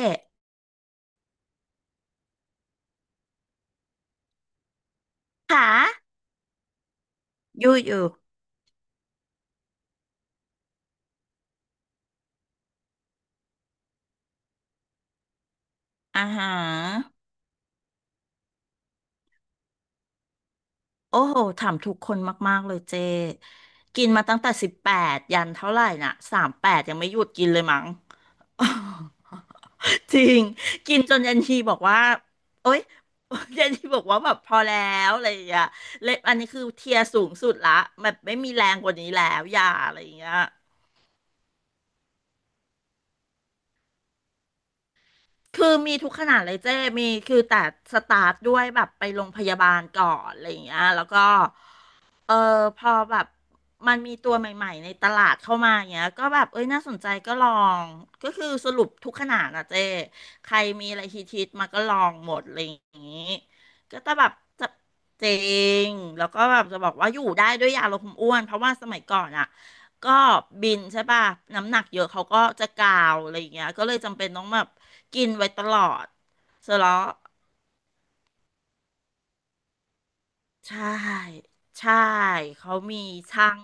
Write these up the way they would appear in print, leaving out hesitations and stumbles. เจ๊ขาะอยู่อยู่อาหารโอ้โหถามทุกคนมากๆเลยเจ๊กินมาตั้งแต่สิบแปดยันเท่าไหร่น่ะ38ยังไม่หยุดกินเลยมั้ง จริงกินจนยันทีบอกว่าโอ๊ย ยันทีบอกว่าแบบพอแล้วอะไรอย่างเงี้ยเลยอันนี้คือเทียร์สูงสุดละแบบไม่มีแรงกว่านี้แล้วอย่าอะไรอย่างเงี้ยคือมีทุกขนาดเลยเจ้มีคือแต่สตาร์ทด้วยแบบไปโรงพยาบาลก่อนอะไรอย่างเงี้ยแล้วก็ เออพอแบบมันมีตัวใหม่ๆในตลาดเข้ามาอย่างเงี้ยก็แบบเอ้ยน่าสนใจก็ลองก็คือสรุปทุกขนาดอะเจ้ใครมีอะไรฮิตๆมาก็ลองหมดอะไรอย่างงี้ก็จะแบบจะเจงแล้วก็แบบจะบอกว่าอยู่ได้ด้วยยาลดความอ้วนเพราะว่าสมัยก่อนอะก็บินใช่ป่ะน้ำหนักเยอะเขาก็จะกาวอะไรอย่างเงี้ยก็เลยจำเป็นต้องแบบกินไว้ตลอดเสร็จแล้วใช่ใช่เขามีช่าง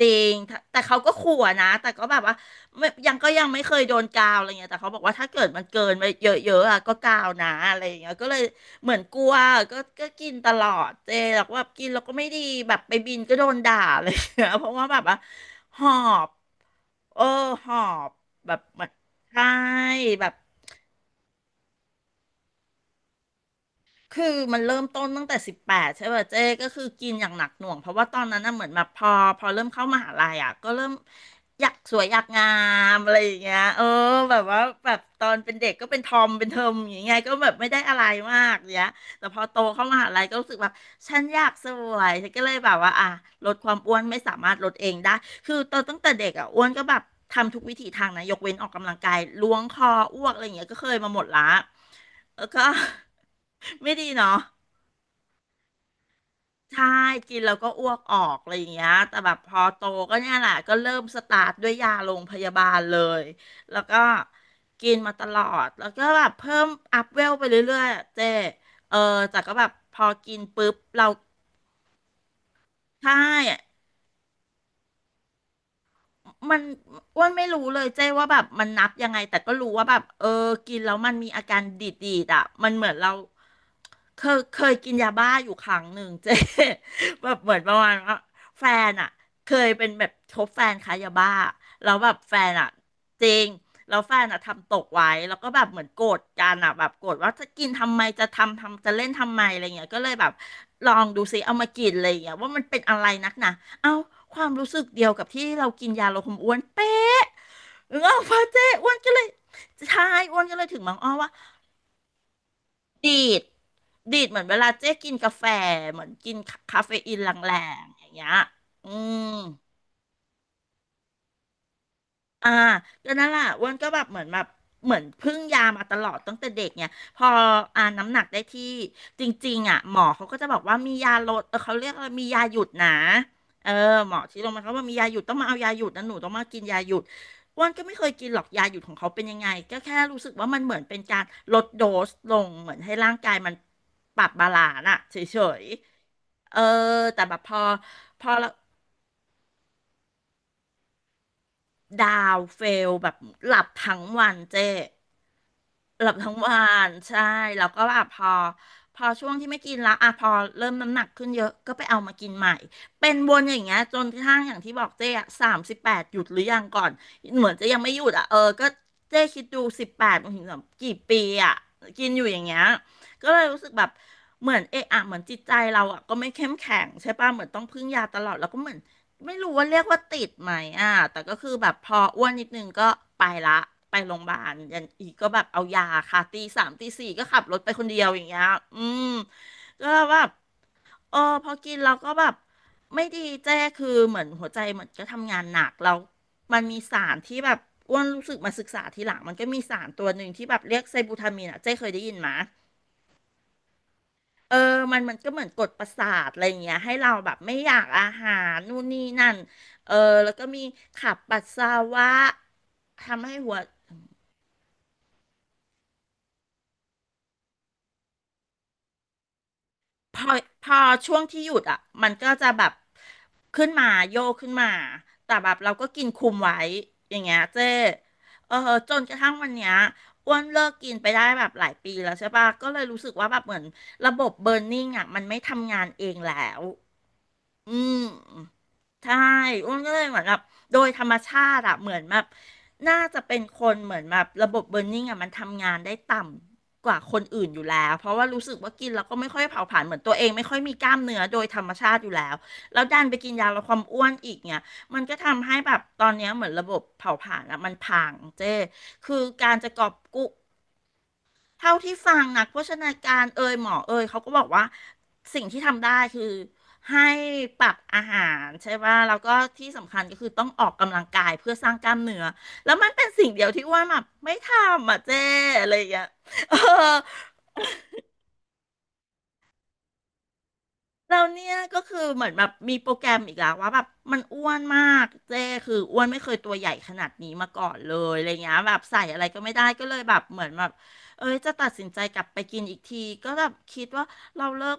จริงถ้าแต่เขาก็ขู่อะนะแต่ก็แบบว่าไม่ยังก็ยังไม่เคยโดนกาวอะไรเงี้ยแต่เขาบอกว่าถ้าเกิดมันเกินไปเยอะๆอะก็กาวนะอะไรอเงี้ยก็เลยเหมือนกลัวก็กินตลอดเจแล้วก็แบบกินแล้วก็ไม่ดีแบบไปบินก็โดนด่าอะไรเงี้ยเพราะว่าแบบว่าหอบเออหอบแบบเหมือนใช่แบบ คือมันเริ่มต้นตั้งแต่18ใช่ป่ะเจ๊ก็คือกินอย่างหนักหน่วงเพราะว่าตอนนั้นน่ะเหมือนแบบพอเริ่มเข้ามหาลัยอ่ะก็เริ่มอยากสวยอยากงามอะไรอย่างเงี้ยเออแบบว่าแบบตอนเป็นเด็กก็เป็นทอมเป็นเทอมอย่างเงี้ยก็แบบไม่ได้อะไรมากเนี้ยแต่พอโตเข้ามหาลัยก็รู้สึกแบบฉันอยากสวยฉันก็เลยแบบว่าอ่ะลดความอ้วนไม่สามารถลดเองได้คือตอนตั้งแต่เด็กอ่ะอ้วนก็แบบทำทุกวิถีทางนะยกเว้นออกกำลังกายล้วงคออ้วกอะไรอย่างเงี้ยก็เคยมาหมดละแล้วก็ ไม่ดีเนาะใช่กินแล้วก็อ้วกออกอะไรอย่างเงี้ยแต่แบบพอโตก็เนี่ยแหละก็เริ่มสตาร์ทด้วยยาโรงพยาบาลเลยแล้วก็กินมาตลอดแล้วก็แบบเพิ่มอัพเวลไปเรื่อยๆอะเจ๊เออแต่ก็แบบพอกินปุ๊บเราใช่ มันอ้วนไม่รู้เลยเจ้ว่าแบบมันนับยังไงแต่ก็รู้ว่าแบบเออกินแล้วมันมีอาการดีดๆอ่ะมันเหมือนเราเคยกินยาบ้าอยู่ครั้งหนึ่งเจ๊ แบบเหมือนประมาณว่าแฟนอ่ะเคยเป็นแบบคบแฟนค้ายาบ้าแล้วแบบแฟนอ่ะจริงแล้วแฟนอ่ะทำตกไว้แล้วก็แบบเหมือนโกรธกันอ่ะแบบโกรธว่าจะกินทำไมจะทำจะเล่นทำไมอะไรเงี้ยก็เลยแบบลองดูซิเอามากินอะไรเงี้ยว่ามันเป็นอะไรนักหนา เอาความรู้สึกเดียวกับที่เรากินยาลดความอ้วนเป๊ะเออพอเจ๊อ้วนก็เลยใช่อ้วนก็เลยถึงมองอ้อว่าดีดดีดเหมือนเวลาเจ๊กินกาแฟเหมือนกินคาเฟอีนแรงๆอย่างเงี้ยอืม อ่าก็นั่นแหละอ้วนก็แบบเหมือนแบบเหมือนพึ่งยามาตลอดตั้งแต่เด็กเนี่ยพออ่าน้ำหนักได้ที่จริงๆอ่ะหมอเขาก็จะบอกว่ามียาลดเออเขาเรียกว่ามียาหยุดนะเออหมอที่โรงพยาบาลเขาบอกมียาหยุดต้องมาเอายาหยุดนะหนูต้องมากินยาหยุดอ้วนก็ไม่เคยกินหรอกยาหยุดของเขาเป็นยังไงก็แค่รู้สึกว่ามันเหมือนเป็นการลดโดสลงเหมือนให้ร่างกายมันปรับบาลานซ์อะเฉยๆเออแต่แบบพอแล้วดาวเฟลแบบหลับทั้งวันเจ๊ หลับทั้งวันใช่แล้วก็แบบพอช่วงที่ไม่กินแล้วอ่ะพอเริ่มน้ำหนักขึ้นเยอะก็ไปเอามากินใหม่เป็นวนอย่างเงี้ยจนกระทั่งอย่างที่บอกเจ๊อะ38หยุดหรือยังก่อนเหมือนจะยังไม่หยุดอ่ะเออก็เจ๊คิดดูสิบแปดมันถึงแบบกี่ปีอ่ะกินอยู่อย่างเงี้ยก็เลยรู้สึกแบบเหมือนเอะอะเหมือนจิตใจเราอ่ะก็ไม่เข้มแข็งใช่ป่ะเหมือนต้องพึ่งยาตลอดแล้วก็เหมือน ไม่รู้ว่าเรียกว่าติดไหมอ่ะแต่ก็คือแบบพออ้วนนิดนึงก็ไปละ ไปโรงพยาบาลยันอีกก็แบบเอายาค่ะตีสามตีสี่ก็ขับรถไปคนเดียวอย่างเงี้ยอืมก็แบบเออพอกินเราก็แบบไม่ดีเจ้คือเหมือนหัวใจเหมือนก็ทำงานหนักแล้วมันมีสารที่แบบอ้วนรู้สึกมาศึกษาทีหลังมันก็มีสารตัวหนึ่งที่แบบเรียกไซบูทามีนอ่ะเจ้เคยได้ยินไหม เออ มันมันก็เหมือนกดประสาทอะไรอย่างเงี้ยให้เราแบบไม่อยากอาหารนู่นนี่นั่นเออแล้วก็มีขับปัสสาวะทำให้หัวพอพอช่วงที่หยุดอ่ะมันก็จะแบบขึ้นมาโยกขึ้นมาแต่แบบเราก็กินคุมไว้อย่างเงี้ยเจ้เออจนกระทั่งวันเนี้ยอ้วนเลิกกินไปได้แบบหลายปีแล้วใช่ปะก็เลยรู้สึกว่าแบบเหมือนระบบเบิร์นนิ่งอ่ะมันไม่ทำงานเองแล้วอืม ใช่อ้วนก็เลยเหมือนแบบโดยธรรมชาติอะเหมือนแบบน่าจะเป็นคนเหมือนแบบระบบเบิร์นนิ่งอะมันทำงานได้ต่ำกว่าคนอื่นอยู่แล้วเพราะว่ารู้สึกว่ากินแล้วก็ไม่ค่อยเผาผลาญเหมือนตัวเองไม่ค่อยมีกล้ามเนื้อโดยธรรมชาติอยู่แล้วแล้วดันไปกินยาลดความอ้วนอีกเนี่ยมันก็ทำให้แบบตอนเนี้ยเหมือนระบบเผาผลาญอะมันพังเจ้คือการจะกอบกู้ เท่าที่ฟังนักโภชนาการเอยหมอเอยเขาก็บอกว่าสิ่งที่ทำได้คือให้ปรับอาหารใช่ป่ะแล้วก็ที่สำคัญก็คือต้องออกกำลังกายเพื่อสร้างกล้ามเนื้อแล้วมันเป็นสิ่งเดียวที่อ้ว่าแบบไม่ทำอ่ะเจ้อะไรอย่างเงี้ยเออ เราเนี่ยก็คือเหมือนแบบมีโปรแกรมอีกแล้วว่าแบบมันอ้วนมากเจ้คืออ้วนไม่เคยตัวใหญ่ขนาดนี้มาก่อนเลยอะไรเงี้ยแบบใส่อะไรก็ไม่ได้ก็เลยแบบเหมือนแบบเอ้ยจะตัดสินใจกลับไปกินอีกทีก็แบบคิดว่าเราเลิก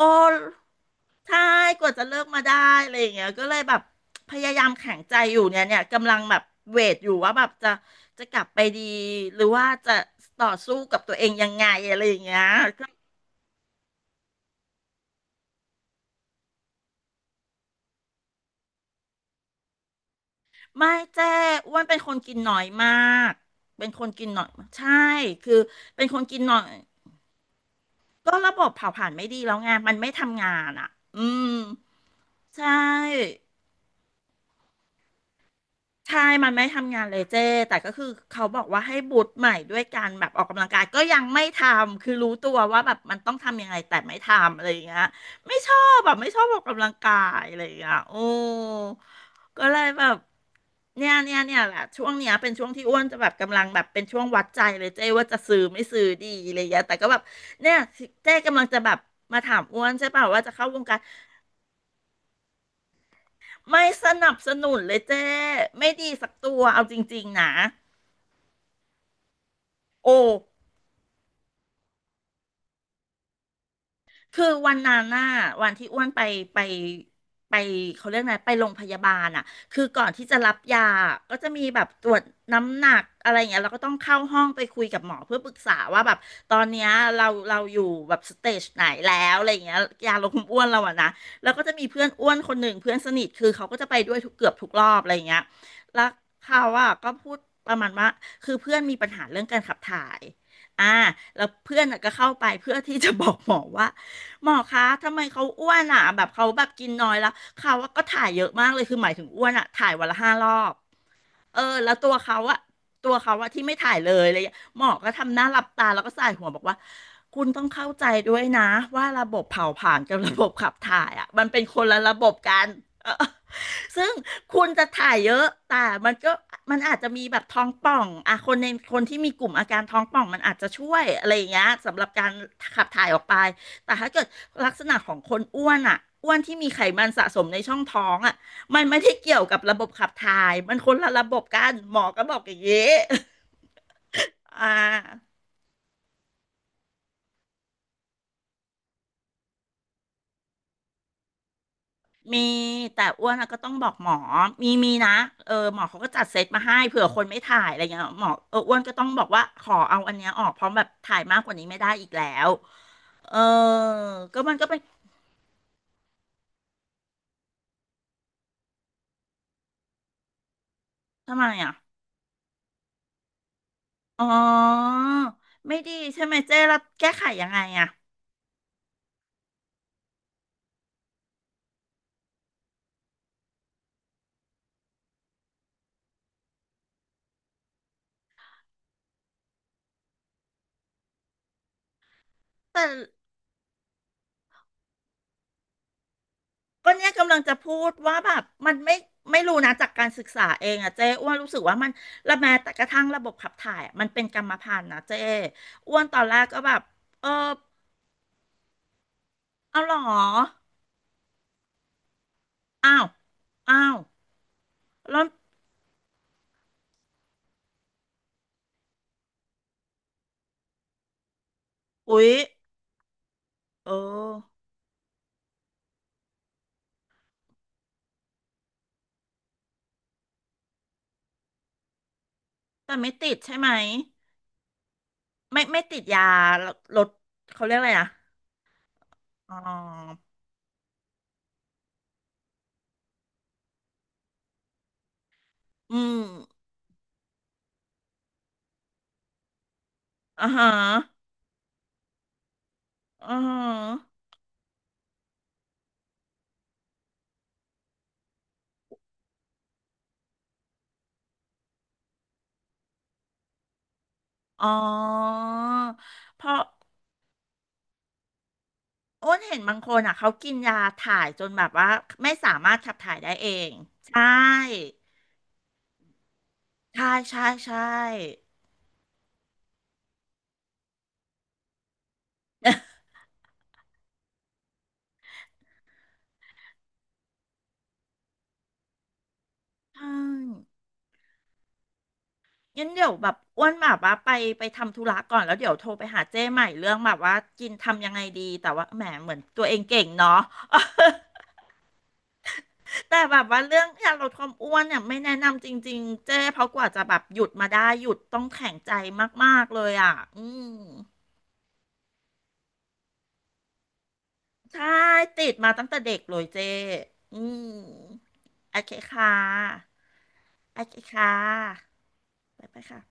โอ้ใช่กว่าจะเลิกมาได้อะไรอย่างเงี้ยก็เลยแบบพยายามแข็งใจอยู่เนี่ยกำลังแบบเวทอยู่ว่าแบบจะกลับไปดีหรือว่าจะต่อสู้กับตัวเองยังไงอะไรอย่างเงี้ย ไม่แจ้อ้วนเป็นคนกินน้อยมากเป็นคนกินน้อยมากใช่คือเป็นคนกินน้อยก็ระบบเผาผลาญไม่ดีแล้วไงมันไม่ทำงานอ่ะอืมใช่ ใช่มันไม่ทำงานเลยเจ้แต่ก็คือเขาบอกว่าให้บูตใหม่ด้วยการแบบออกกำลังกายก็ยังไม่ทำคือรู้ตัวว่าแบบมันต้องทำยังไงแต่ไม่ทำอะไรอย่างเงี้ยไม่ชอบแบบไม่ชอบออกกำลังกายอะไรอย่างเงี้ยโอ้ก็เลยแบบเนี่ยแหละช่วงเนี้ยเป็นช่วงที่อ้วนจะแบบกำลังแบบเป็นช่วงวัดใจเลยเจ้ว่าจะซื้อไม่ซื้อดีอะไรอย่างเงี้ยแต่ก็แบบเนี่ยเจ้กำลังจะแบบมาถามอ้วนใช่ป่ะว่าจะเข้าวงการไม่สนับสนุนเลยเจ้ไม่ดีสักตัวเอาจริงๆนะ โอ้ คือวันนั้นน่ะวันที่อ้วนไปไปไปเขาเรียกไงไปโรงพยาบาลอ่ะคือก่อนที่จะรับยาก็จะมีแบบตรวจน้ำหนักอะไรอย่างเงี้ยเราก็ต้องเข้าห้องไปคุยกับหมอเพื่อปรึกษาว่าแบบตอนเนี้ยเราอยู่แบบสเตจไหนแล้วอะไรอย่างเงี้ยยาลดความอ้วนเราอะนะแล้วก็จะมีเพื่อนอ้วนคนหนึ่งเพื่อนสนิทคือเขาก็จะไปด้วยทุกเกือบทุกรอบอะไรอย่างเงี้ยแล้วเขาอะก็พูดประมาณว่าคือเพื่อนมีปัญหาเรื่องการขับถ่ายอ่าแล้วเพื่อนน่ะก็เข้าไปเพื่อที่จะบอกหมอว่า หมอคะ ทำไมเขาอ้วนอ่ะแบบเขาแบบกินน้อยแล้ว เขาก็ถ่ายเยอะมากเลย คือหมายถึงอ้วนอ่ะถ่ายวันละห้ารอบ เออแล้วตัวเขาอะที่ไม่ถ่ายเลยอะไรอย่างเงี้ยหมอก็ทำหน้าหลับตาแล้วก็ส่ายหัวบอกว่าคุณต้องเข้าใจด้วยนะว่าระบบเผาผลาญกับระบบขับถ่ายอะมันเป็นคนละระบบกัน เออซึ่งคุณจะถ่ายเยอะแต่มันก็มันอาจจะมีแบบท้องป่องอะคนในคนที่มีกลุ่มอาการท้องป่องมันอาจจะช่วยอะไรอย่างเงี้ยสำหรับการขับถ่ายออกไปแต่ถ้าเกิดลักษณะของคนอ้วนอะอ้วนที่มีไขมันสะสมในช่องท้องอะ มันไม่ได้เกี่ยวกับระบบขับถ่าย มันคนละระบบกันหมอก็บอกอย่างนี้ อ่ามีแต่อ้วนอะก็ต้องบอกหมอมีนะเออหมอเขาก็จัดเซตมาให้เผื่อคนไม่ถ่ายอะไรเงี้ยหมอเอออ้วนก็ต้องบอกว่าขอเอาอันเนี้ยออกเพราะแบบถ่ายมากกว่านี้ไม่ได้อีกแล้วเออก็มันก็เป็นทำไมอ่ะอ๋อไม่ดีใช่ไหมเจ๊แล้วแก้ไขยังไงอ่ะแต่ ก็เนี่ยกำลังจะพูดว่าแบบมันไม่รู้นะจากการศึกษาเองอะเจ้อ้วนรู้สึกว่ามันละแม้แต่กระทั่งระบบขับถ่ายอะมันเป็นกรรมพันธุ์นะเจ้อ้วนตอนแรกก็แบบเออเอาหรออ้าวอ้าวแล้วอุ๊ยเออแต่ไม่ติดใช่ไหมไม่ติดยาลดเขาเรียกอะไรอะอ๋ออืมอ่าฮะอ่าอ๋อเพราะ อ้นเห็นบางคนอ่ะเขากินยาถ่ายจนแบบว่าไม่สามารถขับถ่ายได้เองใช่ใช่ใช่ ใช่งั้นเดี๋ยวแบบอ้วนแบบว่าไปไปทำธุระก่อนแล้วเดี๋ยวโทรไปหาเจ้ใหม่เรื่องแบบว่ากินทำยังไงดีแต่ว่าแหมเหมือนตัวเองเก่งเนาะ แต่แบบว่าเรื่องการลดความอ้วนเนี่ยไม่แนะนำจริงๆเจ้เพราะกว่าจะแบบหยุดมาได้หยุดต้องแข็งใจมากๆเลยอ่ะอืม ใช่ติดมาตั้งแต่เด็กเลยเจอืมโอเคค่ะโอเคค่ะ ไปไปค่ะ